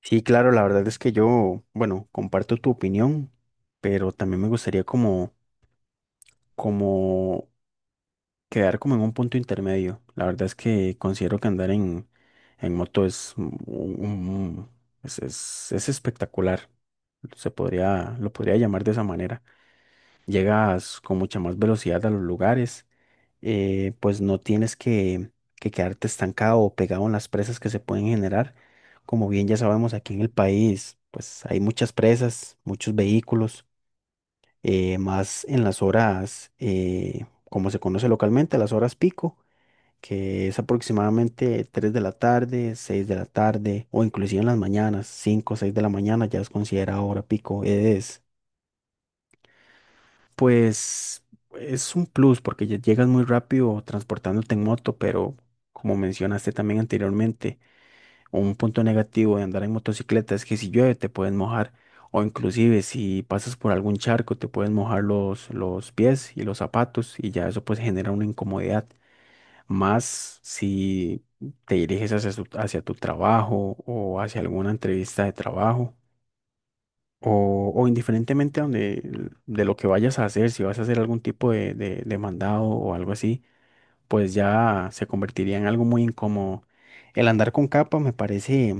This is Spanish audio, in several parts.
Sí, claro, la verdad es que yo, bueno, comparto tu opinión, pero también me gustaría como quedar como en un punto intermedio. La verdad es que considero que andar en moto es, es espectacular. Se podría, lo podría llamar de esa manera. Llegas con mucha más velocidad a los lugares, pues no tienes que quedarte estancado o pegado en las presas que se pueden generar. Como bien ya sabemos, aquí en el país, pues hay muchas presas, muchos vehículos, más en las horas, como se conoce localmente, las horas pico, que es aproximadamente 3 de la tarde, 6 de la tarde, o inclusive en las mañanas, 5 o seis de la mañana ya es considerada hora pico. Es Pues es un plus porque ya llegas muy rápido transportándote en moto, pero como mencionaste también anteriormente, un punto negativo de andar en motocicleta es que si llueve te puedes mojar, o inclusive si pasas por algún charco te puedes mojar los pies y los zapatos, y ya eso pues genera una incomodidad, más si te diriges hacia tu trabajo o hacia alguna entrevista de trabajo. O indiferentemente donde, de lo que vayas a hacer, si vas a hacer algún tipo de mandado o algo así, pues ya se convertiría en algo muy incómodo. El andar con capa me parece,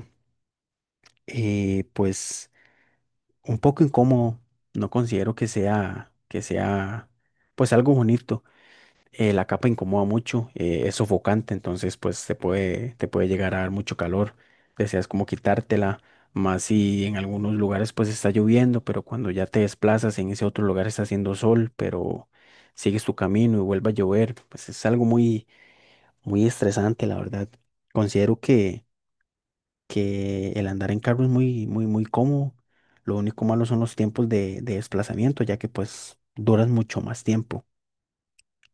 pues, un poco incómodo. No considero que sea, pues, algo bonito. La capa incomoda mucho, es sofocante, entonces pues te puede llegar a dar mucho calor, deseas como quitártela, más si en algunos lugares pues está lloviendo, pero cuando ya te desplazas en ese otro lugar está haciendo sol, pero sigues tu camino y vuelve a llover, pues es algo muy, muy estresante, la verdad. Considero que el andar en carro es muy, muy, muy cómodo, lo único malo son los tiempos de desplazamiento, ya que pues duras mucho más tiempo.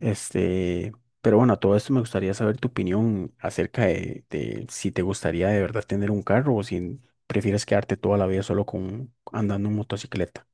Este, pero bueno, a todo esto me gustaría saber tu opinión acerca de si te gustaría de verdad tener un carro, o si prefieres quedarte toda la vida solo con andando en motocicleta.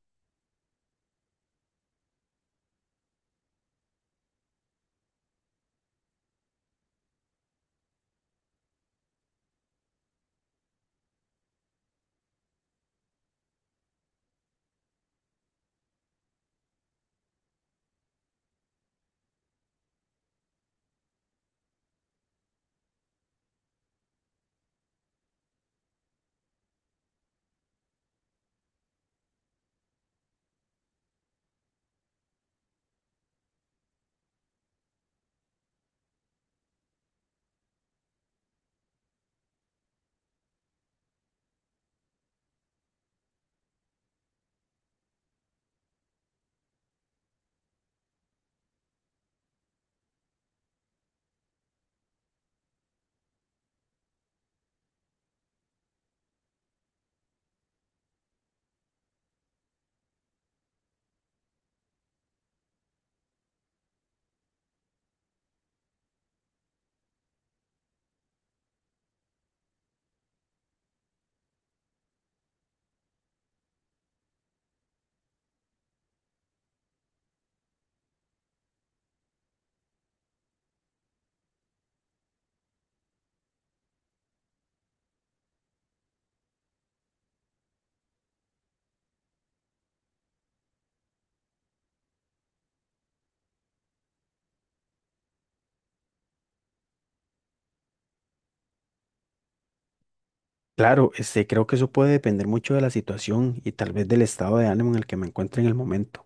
Claro, este, creo que eso puede depender mucho de la situación y tal vez del estado de ánimo en el que me encuentre en el momento.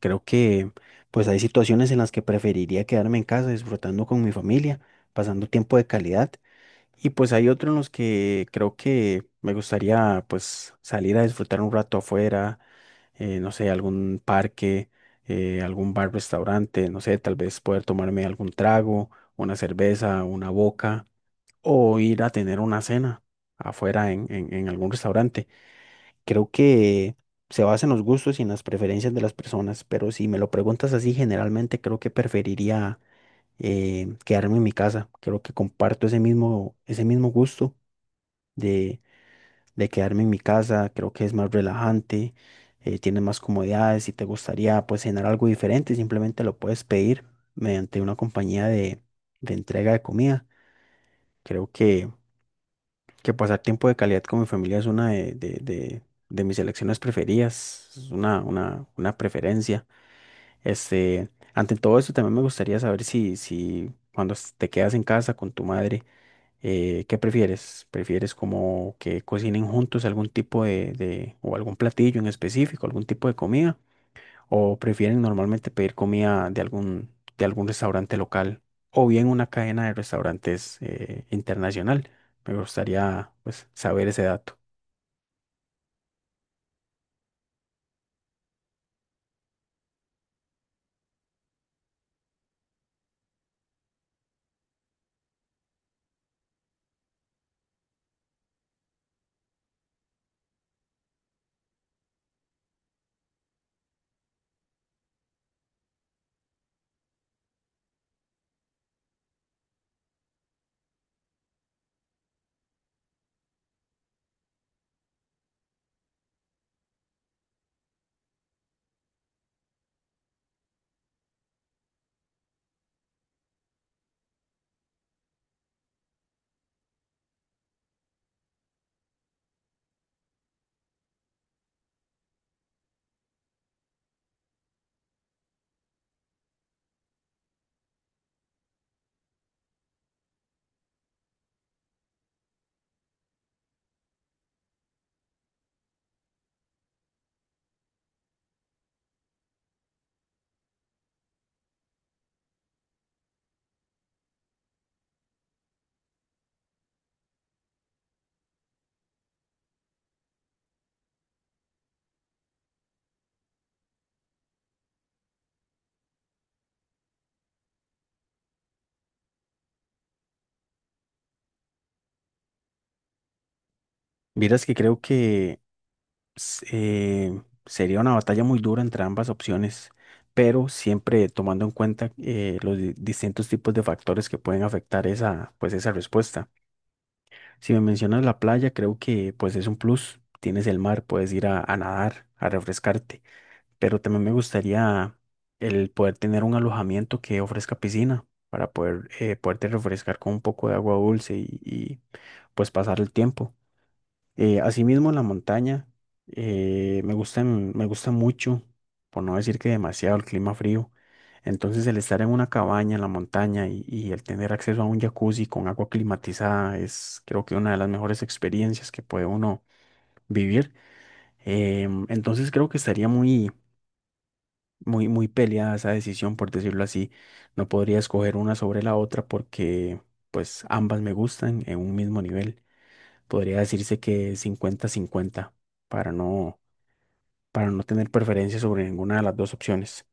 Creo que pues hay situaciones en las que preferiría quedarme en casa disfrutando con mi familia, pasando tiempo de calidad. Y pues hay otro en los que creo que me gustaría pues salir a disfrutar un rato afuera, no sé, algún parque, algún bar, restaurante, no sé, tal vez poder tomarme algún trago, una cerveza, una boca, o ir a tener una cena afuera en algún restaurante. Creo que se basa en los gustos y en las preferencias de las personas, pero si me lo preguntas así, generalmente creo que preferiría quedarme en mi casa. Creo que comparto ese mismo gusto de, de quedarme en mi casa, creo que es más relajante, tienes más comodidades, si te gustaría pues cenar algo diferente, simplemente lo puedes pedir mediante una compañía de entrega de comida. Creo que pasar tiempo de calidad con mi familia es una de mis elecciones preferidas, es una preferencia. Este, ante todo eso también me gustaría saber si cuando te quedas en casa con tu madre, ¿qué prefieres? ¿Prefieres como que cocinen juntos algún tipo o algún platillo en específico, algún tipo de comida? ¿O prefieren normalmente pedir comida de algún restaurante local, o bien una cadena de restaurantes internacional? Me gustaría pues, saber ese dato. Vieras que creo que sería una batalla muy dura entre ambas opciones, pero siempre tomando en cuenta los distintos tipos de factores que pueden afectar esa, pues, esa respuesta. Si me mencionas la playa, creo que pues es un plus. Tienes el mar, puedes ir a nadar, a refrescarte. Pero también me gustaría el poder tener un alojamiento que ofrezca piscina para poder poderte refrescar con un poco de agua dulce y pues pasar el tiempo. Asimismo, la montaña me gusta mucho, por no decir que demasiado, el clima frío. Entonces, el estar en una cabaña en la montaña y el tener acceso a un jacuzzi con agua climatizada es, creo que, una de las mejores experiencias que puede uno vivir. Entonces, creo que estaría muy, muy, muy peleada esa decisión, por decirlo así. No podría escoger una sobre la otra porque, pues, ambas me gustan en un mismo nivel. Podría decirse que cincuenta-cincuenta para no, para no tener preferencia sobre ninguna de las dos opciones.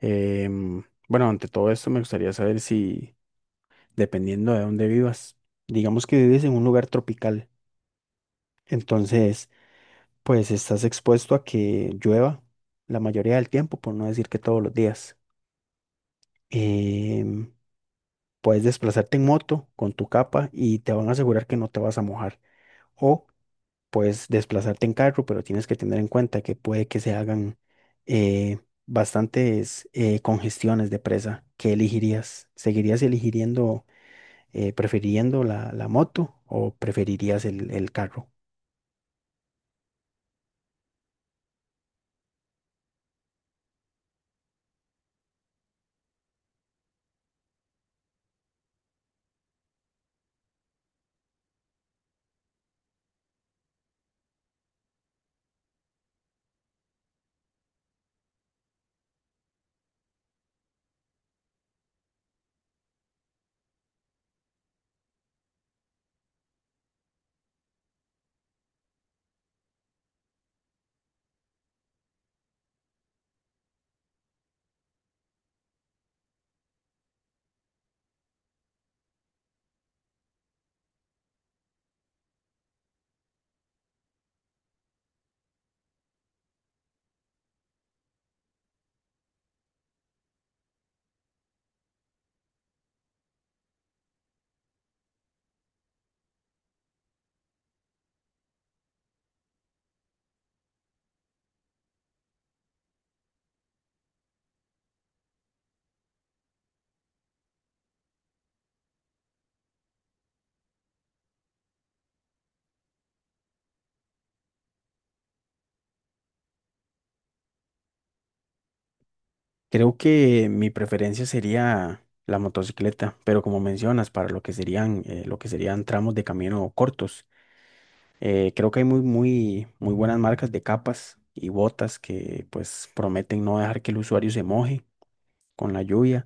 Bueno, ante todo esto me gustaría saber si, dependiendo de dónde vivas, digamos que vives en un lugar tropical, entonces pues estás expuesto a que llueva la mayoría del tiempo, por no decir que todos los días. Em, Puedes desplazarte en moto con tu capa y te van a asegurar que no te vas a mojar. O puedes desplazarte en carro, pero tienes que tener en cuenta que puede que se hagan eh, bastantes congestiones de presa. ¿Qué elegirías? ¿Seguirías eligiendo, prefiriendo la moto, o preferirías el carro? Creo que mi preferencia sería la motocicleta, pero como mencionas, para lo que serían tramos de camino cortos. Creo que hay muy, muy, muy buenas marcas de capas y botas que pues prometen no dejar que el usuario se moje con la lluvia.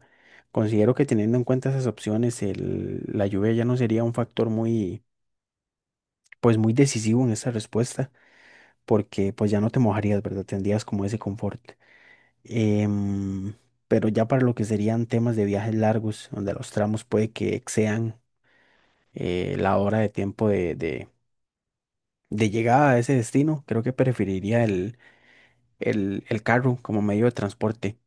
Considero que teniendo en cuenta esas opciones, la lluvia ya no sería un factor muy, pues muy decisivo en esa respuesta, porque pues ya no te mojarías, ¿verdad? Tendrías como ese confort. Em, pero ya para lo que serían temas de viajes largos, donde los tramos puede que excedan la hora de tiempo de llegada a ese destino, creo que preferiría el carro como medio de transporte.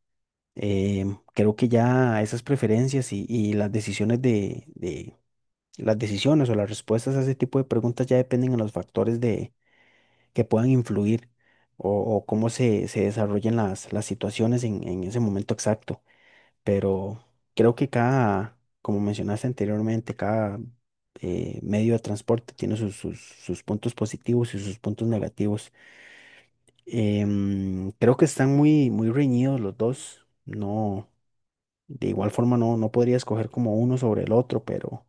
Creo que ya esas preferencias y las decisiones de las decisiones o las respuestas a ese tipo de preguntas ya dependen de los factores de, que puedan influir o, o cómo se desarrollen las situaciones en ese momento exacto. Pero creo que cada, como mencionaste anteriormente, cada medio de transporte tiene sus puntos positivos y sus puntos negativos. Creo que están muy, muy reñidos los dos. No, de igual forma no, no podría escoger como uno sobre el otro,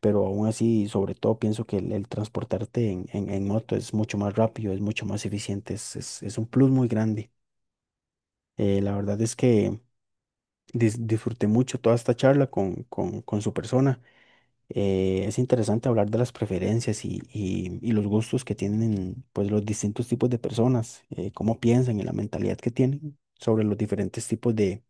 pero aún así, sobre todo, pienso que el transportarte en moto es mucho más rápido, es mucho más eficiente, es, es un plus muy grande. La verdad es que disfruté mucho toda esta charla con su persona. Es interesante hablar de las preferencias y los gustos que tienen pues, los distintos tipos de personas, cómo piensan y la mentalidad que tienen sobre los diferentes tipos de,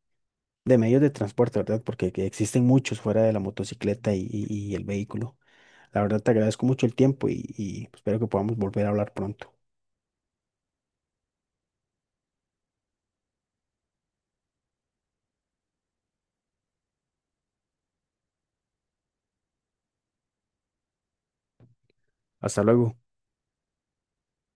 de medios de transporte, ¿verdad? Porque que existen muchos fuera de la motocicleta y el vehículo. La verdad te agradezco mucho el tiempo y espero que podamos volver a hablar pronto. Hasta luego.